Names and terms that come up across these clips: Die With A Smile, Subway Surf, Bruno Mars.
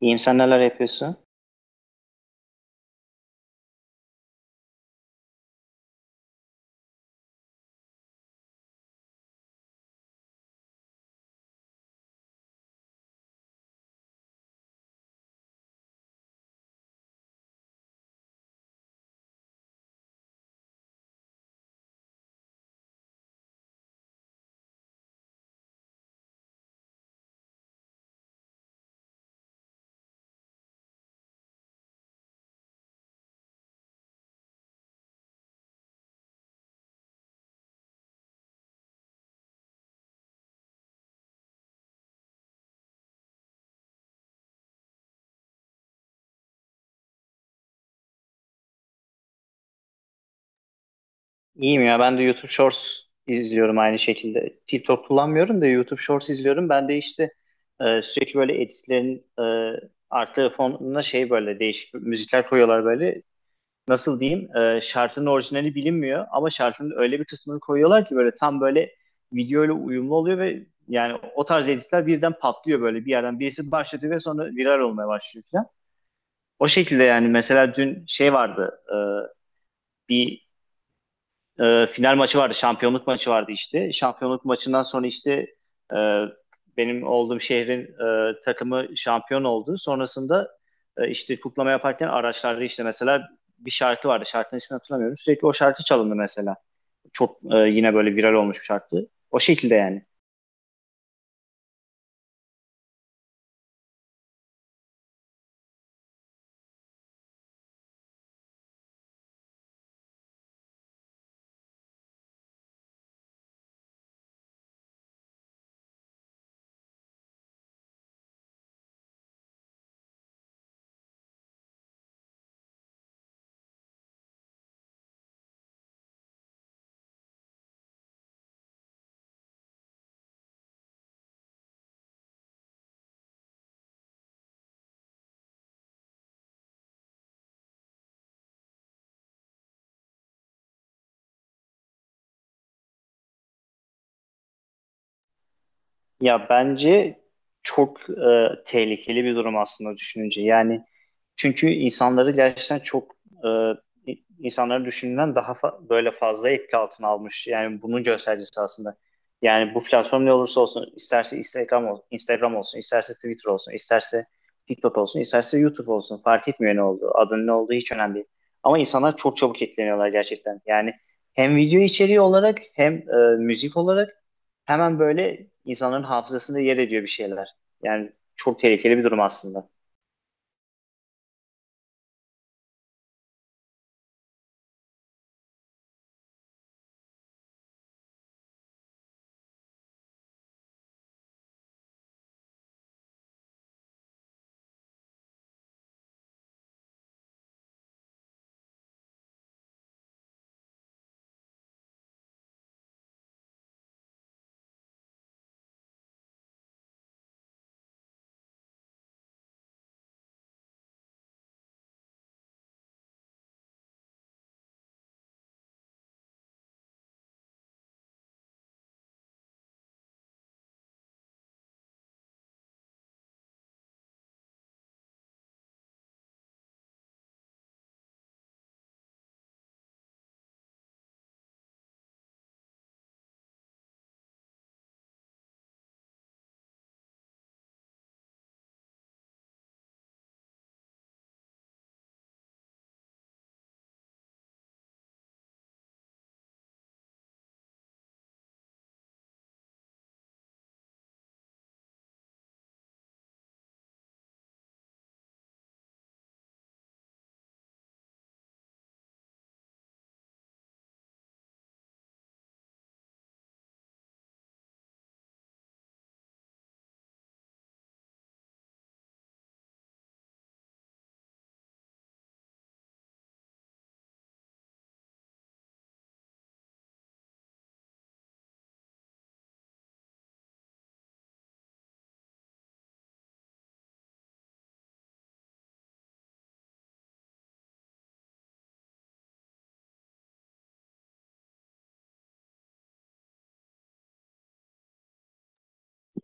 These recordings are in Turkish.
İyiyim, sen neler yapıyorsun? İyiyim ya, ben de YouTube Shorts izliyorum aynı şekilde. TikTok kullanmıyorum da YouTube Shorts izliyorum. Ben de işte sürekli böyle editlerin arka fonuna şey böyle değişik müzikler koyuyorlar böyle. Nasıl diyeyim? Şarkının orijinali bilinmiyor ama şarkının öyle bir kısmını koyuyorlar ki böyle tam böyle videoyla uyumlu oluyor ve yani o tarz editler birden patlıyor böyle bir yerden. Birisi başlatıyor ve sonra viral olmaya başlıyor falan. O şekilde yani, mesela dün şey vardı. Bir Final maçı vardı, şampiyonluk maçı vardı işte. Şampiyonluk maçından sonra işte e, benim olduğum şehrin takımı şampiyon oldu. Sonrasında işte kutlama yaparken araçlarda işte mesela bir şarkı vardı. Şarkının ismini hatırlamıyorum. Sürekli o şarkı çalındı mesela. Çok yine böyle viral olmuş bir şarkı. O şekilde yani. Ya bence çok tehlikeli bir durum aslında düşününce. Yani çünkü insanları gerçekten çok insanları düşündüğünden daha böyle fazla etki altına almış. Yani bunun göstergesi aslında. Yani bu platform ne olursa olsun, isterse Instagram olsun, isterse Twitter olsun, isterse TikTok olsun, isterse YouTube olsun, fark etmiyor ne olduğu, adının ne olduğu hiç önemli değil. Ama insanlar çok çabuk etkileniyorlar gerçekten. Yani hem video içeriği olarak hem müzik olarak hemen böyle insanların hafızasında yer ediyor bir şeyler. Yani çok tehlikeli bir durum aslında.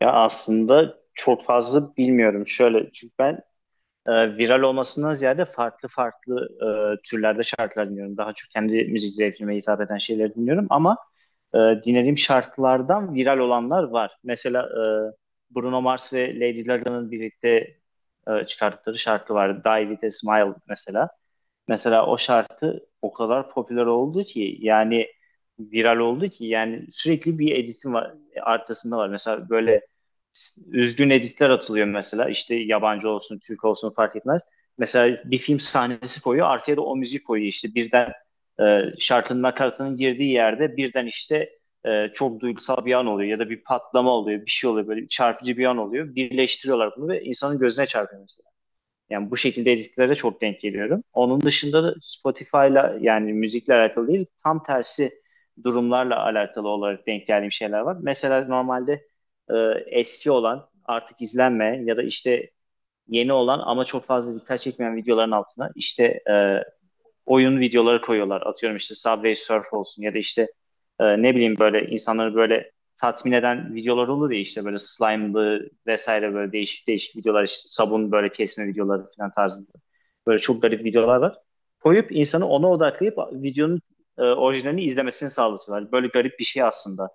Ya aslında çok fazla bilmiyorum. Şöyle, çünkü ben e, viral olmasından ziyade farklı farklı türlerde şarkılar dinliyorum. Daha çok kendi müzik zevkime hitap eden şeyleri dinliyorum, ama e, dinlediğim şarkılardan viral olanlar var. Mesela Bruno Mars ve Lady Gaga'nın birlikte çıkarttıkları şarkı vardı. Die With A Smile mesela. Mesela o şarkı o kadar popüler oldu ki, yani viral oldu ki, yani sürekli bir edisi var, arkasında var. Mesela böyle üzgün editler atılıyor mesela. İşte yabancı olsun, Türk olsun fark etmez. Mesela bir film sahnesi koyuyor, arkaya da o müzik koyuyor. İşte birden şarkının nakaratının girdiği yerde birden işte çok duygusal bir an oluyor, ya da bir patlama oluyor, bir şey oluyor böyle çarpıcı bir an oluyor. Birleştiriyorlar bunu ve insanın gözüne çarpıyor yani, bu şekilde editlere çok denk geliyorum. Onun dışında da Spotify'la yani müzikle alakalı değil, tam tersi durumlarla alakalı olarak denk geldiğim şeyler var. Mesela normalde e, eski olan artık izlenmeyen ya da işte yeni olan ama çok fazla dikkat çekmeyen videoların altına işte oyun videoları koyuyorlar. Atıyorum işte Subway Surf olsun, ya da işte ne bileyim, böyle insanları böyle tatmin eden videolar olur ya, işte böyle slime'lı vesaire böyle değişik değişik videolar, işte sabun böyle kesme videoları falan tarzında. Böyle çok garip videolar var. Koyup insanı ona odaklayıp videonun orijinalini izlemesini sağlatıyorlar. Böyle garip bir şey aslında.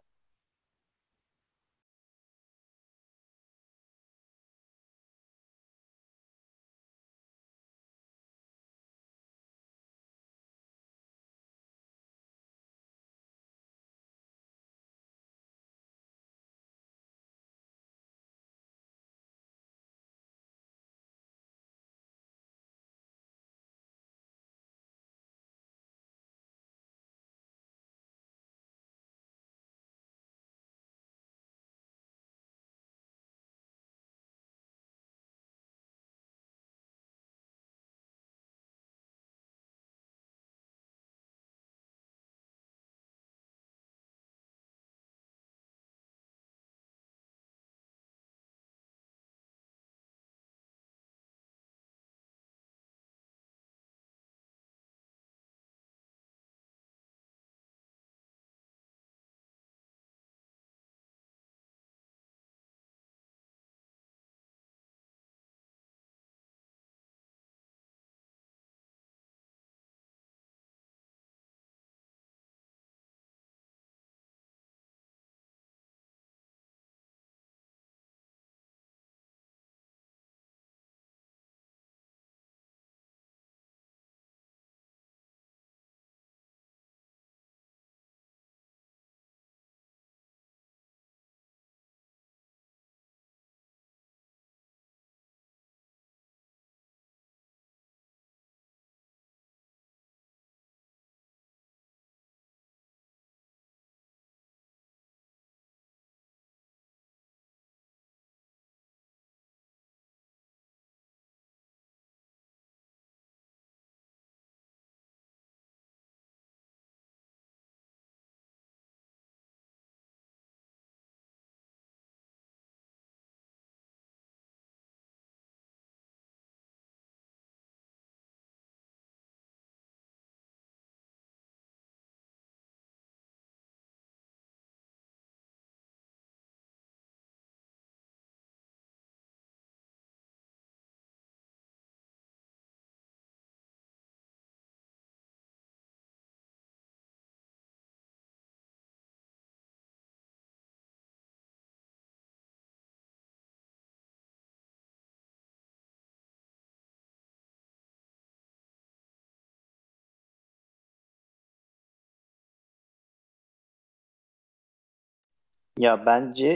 Ya bence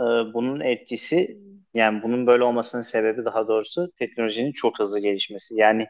bunun etkisi, yani bunun böyle olmasının sebebi daha doğrusu, teknolojinin çok hızlı gelişmesi. Yani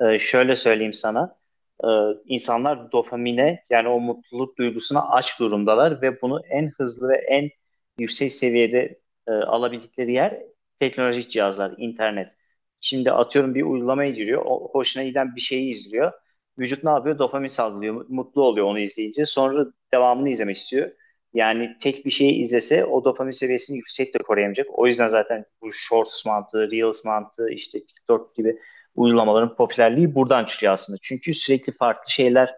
şöyle söyleyeyim sana. e, insanlar dopamine, yani o mutluluk duygusuna aç durumdalar ve bunu en hızlı ve en yüksek seviyede alabildikleri yer teknolojik cihazlar, internet. Şimdi atıyorum bir uygulamaya giriyor, o, hoşuna giden bir şeyi izliyor. Vücut ne yapıyor? Dopamin salgılıyor, mutlu oluyor onu izleyince. Sonra devamını izlemek istiyor. Yani tek bir şeyi izlese o dopamin seviyesini yüksek de koruyamayacak. O yüzden zaten bu Shorts mantığı, Reels mantığı, işte TikTok gibi uygulamaların popülerliği buradan çıkıyor aslında. Çünkü sürekli farklı şeyler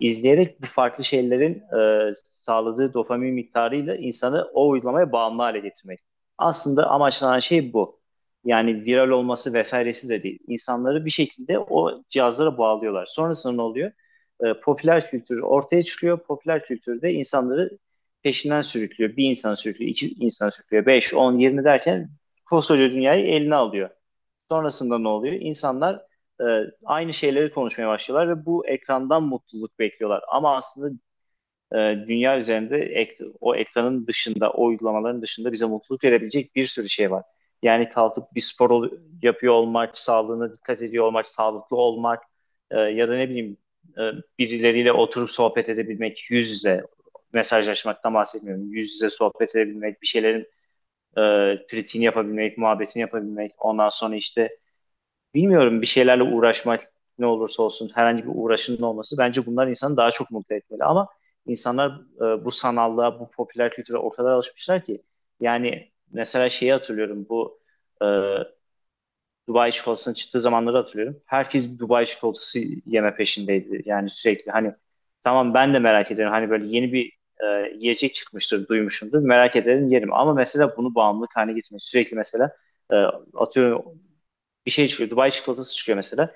izleyerek bu farklı şeylerin e, sağladığı dopamin miktarıyla insanı o uygulamaya bağımlı hale getirmek. Aslında amaçlanan şey bu. Yani viral olması vesairesi de değil. İnsanları bir şekilde o cihazlara bağlıyorlar. Sonrasında ne oluyor? Popüler kültür ortaya çıkıyor. Popüler kültürde insanları peşinden sürüklüyor. Bir insan sürüklüyor, iki insan sürüklüyor, beş, on, yirmi derken koskoca dünyayı eline alıyor. Sonrasında ne oluyor? İnsanlar e, aynı şeyleri konuşmaya başlıyorlar ve bu ekrandan mutluluk bekliyorlar. Ama aslında e, dünya üzerinde o ekranın dışında, o uygulamaların dışında bize mutluluk verebilecek bir sürü şey var. Yani kalkıp bir yapıyor olmak, sağlığına dikkat ediyor olmak, sağlıklı olmak, ya da ne bileyim, e, birileriyle oturup sohbet edebilmek, yüz yüze mesajlaşmaktan bahsetmiyorum. Yüz yüze sohbet edebilmek, bir şeylerin e, kritiğini yapabilmek, muhabbetini yapabilmek, ondan sonra işte bilmiyorum, bir şeylerle uğraşmak, ne olursa olsun herhangi bir uğraşının olması, bence bunlar insanı daha çok mutlu etmeli. Ama insanlar bu sanallığa, bu popüler kültüre o kadar alışmışlar ki, yani mesela şeyi hatırlıyorum, bu e, Dubai çikolatasının çıktığı zamanları hatırlıyorum. Herkes Dubai çikolatası yeme peşindeydi. Yani sürekli, hani tamam ben de merak ediyorum. Hani böyle yeni bir yiyecek çıkmıştır, duymuşumdur. Merak ederim, yerim. Ama mesela bunu bağımlılık haline getirmek. Sürekli mesela e, atıyorum bir şey çıkıyor. Dubai çikolatası çıkıyor mesela.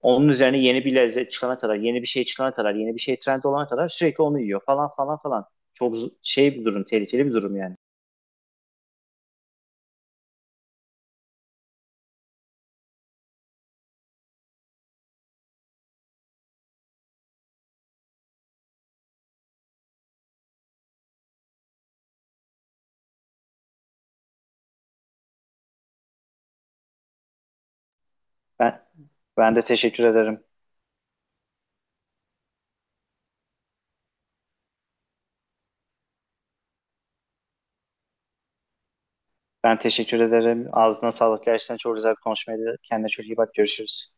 Onun üzerine yeni bir lezzet çıkana kadar, yeni bir şey çıkana kadar, yeni bir şey trend olana kadar sürekli onu yiyor falan falan falan. Çok şey bir durum, tehlikeli bir durum yani. Ben ben de teşekkür ederim. Ben teşekkür ederim. Ağzına sağlık. Gerçekten çok güzel bir konuşmaydı. Kendine çok iyi bak. Görüşürüz.